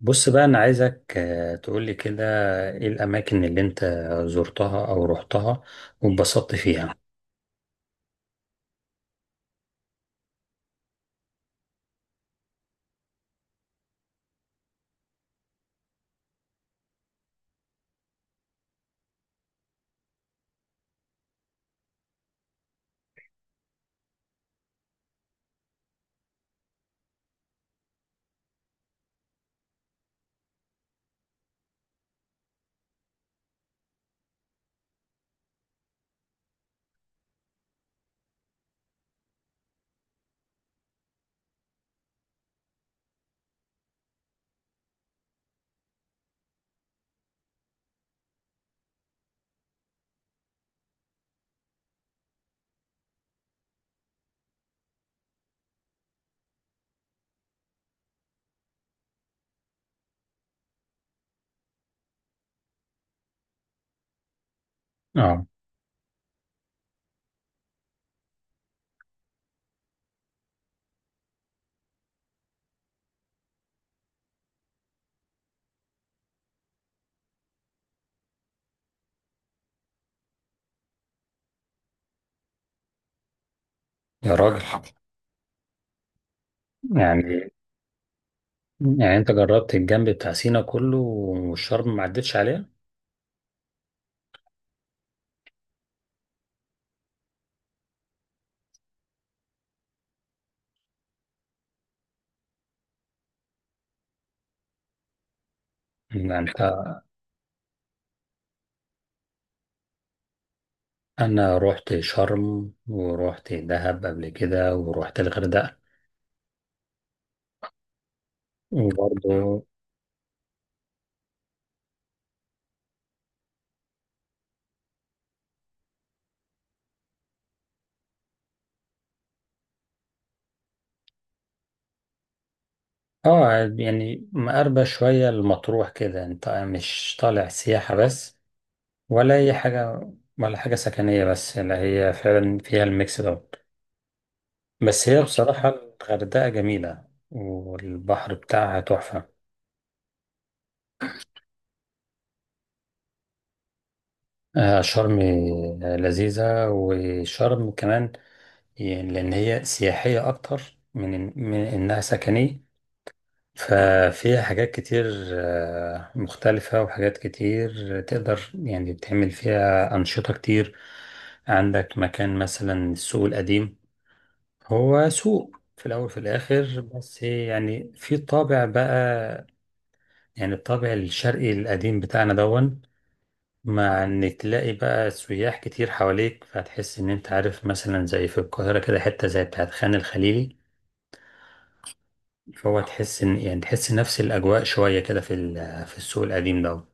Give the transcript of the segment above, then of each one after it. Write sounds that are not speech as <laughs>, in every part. بص بقى أنا عايزك تقولي كده إيه الأماكن اللي أنت زرتها أو رحتها واتبسطت فيها. آه، يا راجل. يعني يعني أنت جربت الجنب بتاع سينا كله والشرم ما عدتش عليها؟ يعني أنت، أنا رحت شرم ورحت دهب قبل كده ورحت الغردقة وبرضه آه. يعني مقربة شوية المطروح كده، أنت مش طالع سياحة بس ولا أي حاجة ولا حاجة سكنية بس، لا هي فعلا فيها الميكس دوت. بس هي بصراحة الغردقة جميلة والبحر بتاعها تحفة. شرم، لذيذة، وشرم كمان يعني لأن هي سياحية أكتر من إنها سكنية. ففيها حاجات كتير مختلفة، وحاجات كتير تقدر يعني تعمل فيها أنشطة كتير. عندك مكان مثلا السوق القديم، هو سوق في الأول وفي الآخر بس يعني في طابع بقى، يعني الطابع الشرقي القديم بتاعنا دون. مع إن تلاقي بقى سياح كتير حواليك فتحس إن أنت عارف مثلا زي في القاهرة كده حتة زي بتاعت خان الخليلي. فهو تحس إن يعني تحس نفس الأجواء شوية كده في في السوق القديم دون.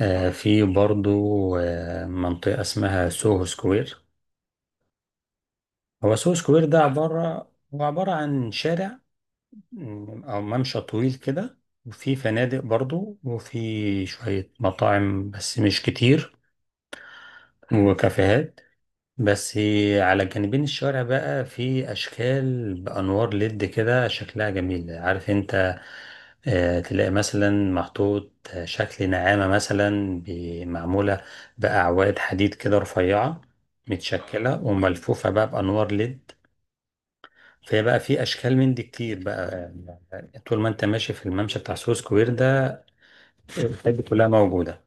في برضو منطقة اسمها سوهو سكوير. هو سوهو سكوير ده عبارة، هو عبارة عن شارع أو ممشى طويل كده، وفي فنادق برضو وفي شوية مطاعم بس مش كتير، وكافيهات بس. على جانبين الشارع بقى في أشكال بأنوار ليد كده شكلها جميل، عارف أنت. تلاقي مثلا محطوط شكل نعامة مثلا معمولة بأعواد حديد كده رفيعة، متشكلة وملفوفة بقى بأنوار ليد. فهي بقى في اشكال من دي كتير بقى، يعني طول ما انت ماشي في الممشى بتاع سو سكوير ده الحاجات دي كلها موجوده.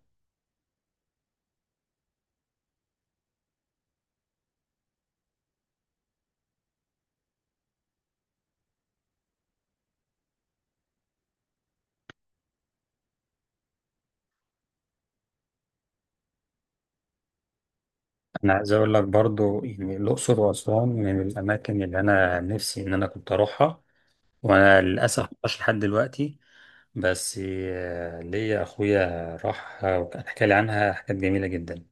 انا عايز اقول لك برضو يعني الاقصر واسوان من الاماكن اللي انا نفسي ان انا كنت اروحها، وانا للاسف ما رحتش لحد دلوقتي. بس ليا اخويا راح وكان حكى لي عنها حاجات جميله جدا.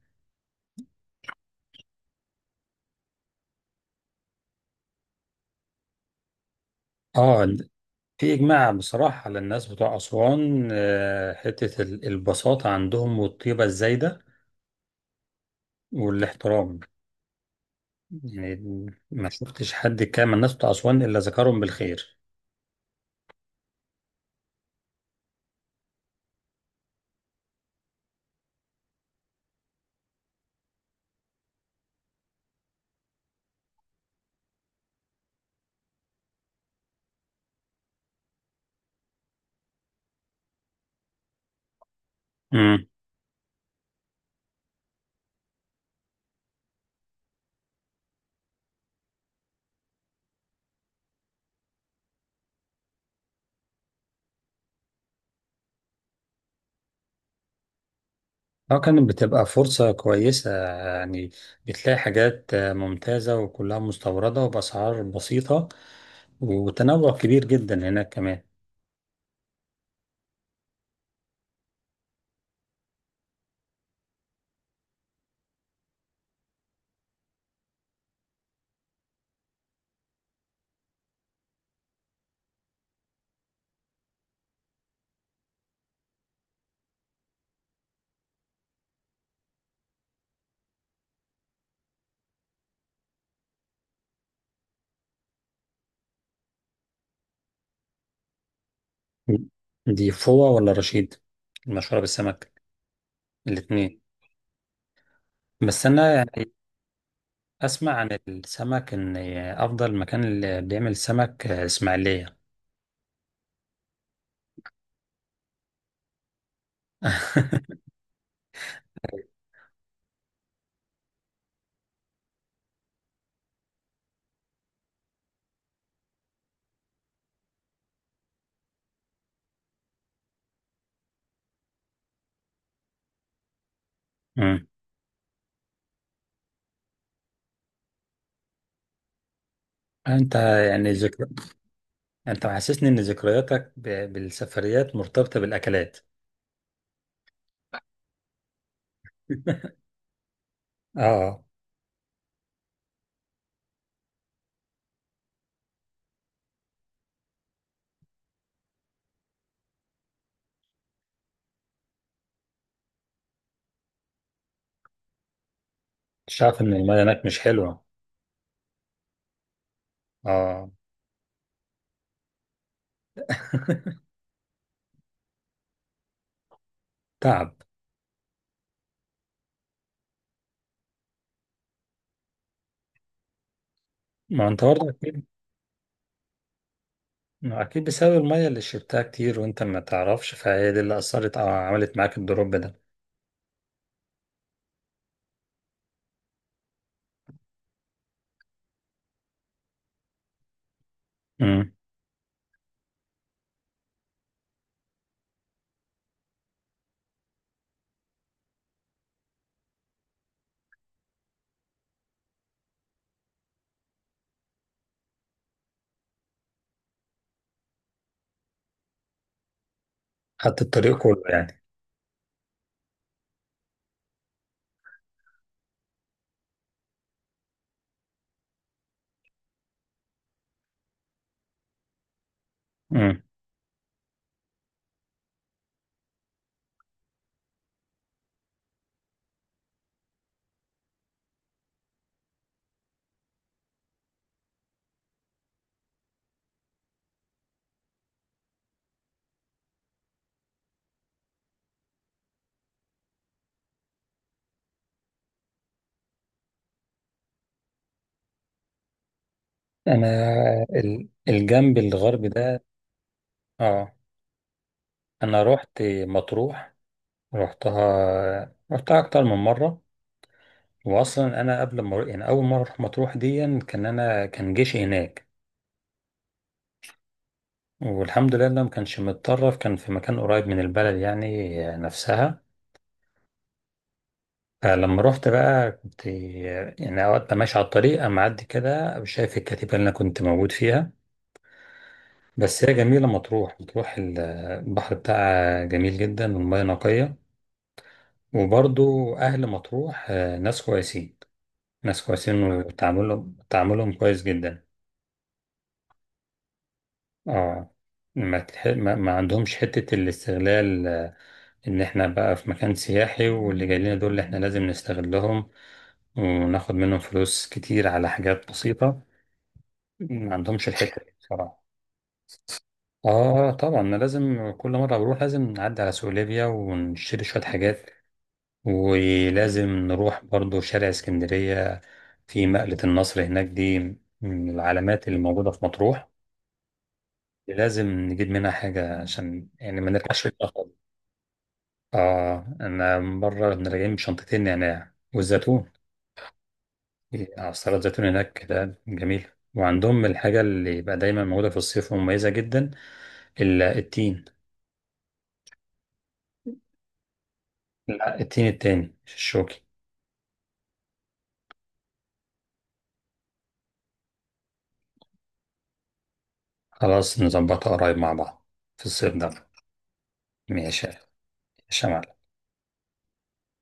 اه، في اجماع بصراحه على الناس بتوع اسوان، آه، البساطه عندهم والطيبه الزايده والاحترام، يعني ما شفتش حد كان من الناس بتوع أسوان إلا ذكرهم بالخير. امم، اه كانت بتبقى فرصة كويسة، يعني بتلاقي حاجات ممتازة وكلها مستوردة وبأسعار بسيطة، وتنوع كبير جدا هناك كمان. دي فوة ولا رشيد المشهورة بالسمك؟ الاتنين. بس أنا يعني أسمع عن السمك إن أفضل مكان اللي بيعمل سمك إسماعيلية. امم، أنت يعني انت محسسني ان ذكرياتك بالسفريات مرتبطة بالاكلات. <laughs> اه، مش عارف ان المية هناك مش حلوة. اه. <laughs> تعب. ما انت برضه اكيد، ما اكيد بسبب المية اللي شربتها كتير وانت ما تعرفش، فهي دي اللي اثرت او عملت معاك الدروب ده. امم، خدت الطريق كله يعني. امم، انا الجنب الغربي ده. اه، انا رحت مطروح، رحتها، رحتها اكتر من مرة. واصلا انا قبل ما أروح- يعني اول مره اروح مطروح دي كان انا كان جيشي هناك. والحمد لله إنه ما كانش متطرف، كان في مكان قريب من البلد يعني نفسها. فلما رحت بقى كنت يعني اوقات ببقى ماشي على الطريق اما اعدي كده شايف الكتيبه اللي انا كنت موجود فيها. بس هي جميله مطروح، مطروح البحر بتاعها جميل جدا والميه نقيه. وبرضو اهل مطروح، آه، ناس كويسين، ناس كويسين، وتعاملهم تعاملهم كويس جدا. اه، ما, تح... ما ما عندهمش حتة الاستغلال، آه، ان احنا بقى في مكان سياحي واللي جاي لنا دول اللي احنا لازم نستغلهم وناخد منهم فلوس كتير على حاجات بسيطة. ما عندهمش الحتة دي بصراحة. اه طبعا انا لازم كل مرة بروح لازم نعدي على سوق ليبيا ونشتري شوية حاجات، ولازم نروح برضو شارع اسكندرية. في مقلة النصر هناك دي من العلامات اللي موجودة في مطروح، لازم نجيب منها حاجة عشان يعني ما نرجعش متأخر. آه أنا مرة كنا راجعين بشنطتين نعناع والزيتون. آه، السلطة الزيتون هناك كده جميل. وعندهم الحاجة اللي بقى دايما موجودة في الصيف ومميزة جدا، التين. لا، التين التاني الشوكي. خلاص نظبطها قريب مع بعض في الصيف ده، ماشي. ماشي يا شمال.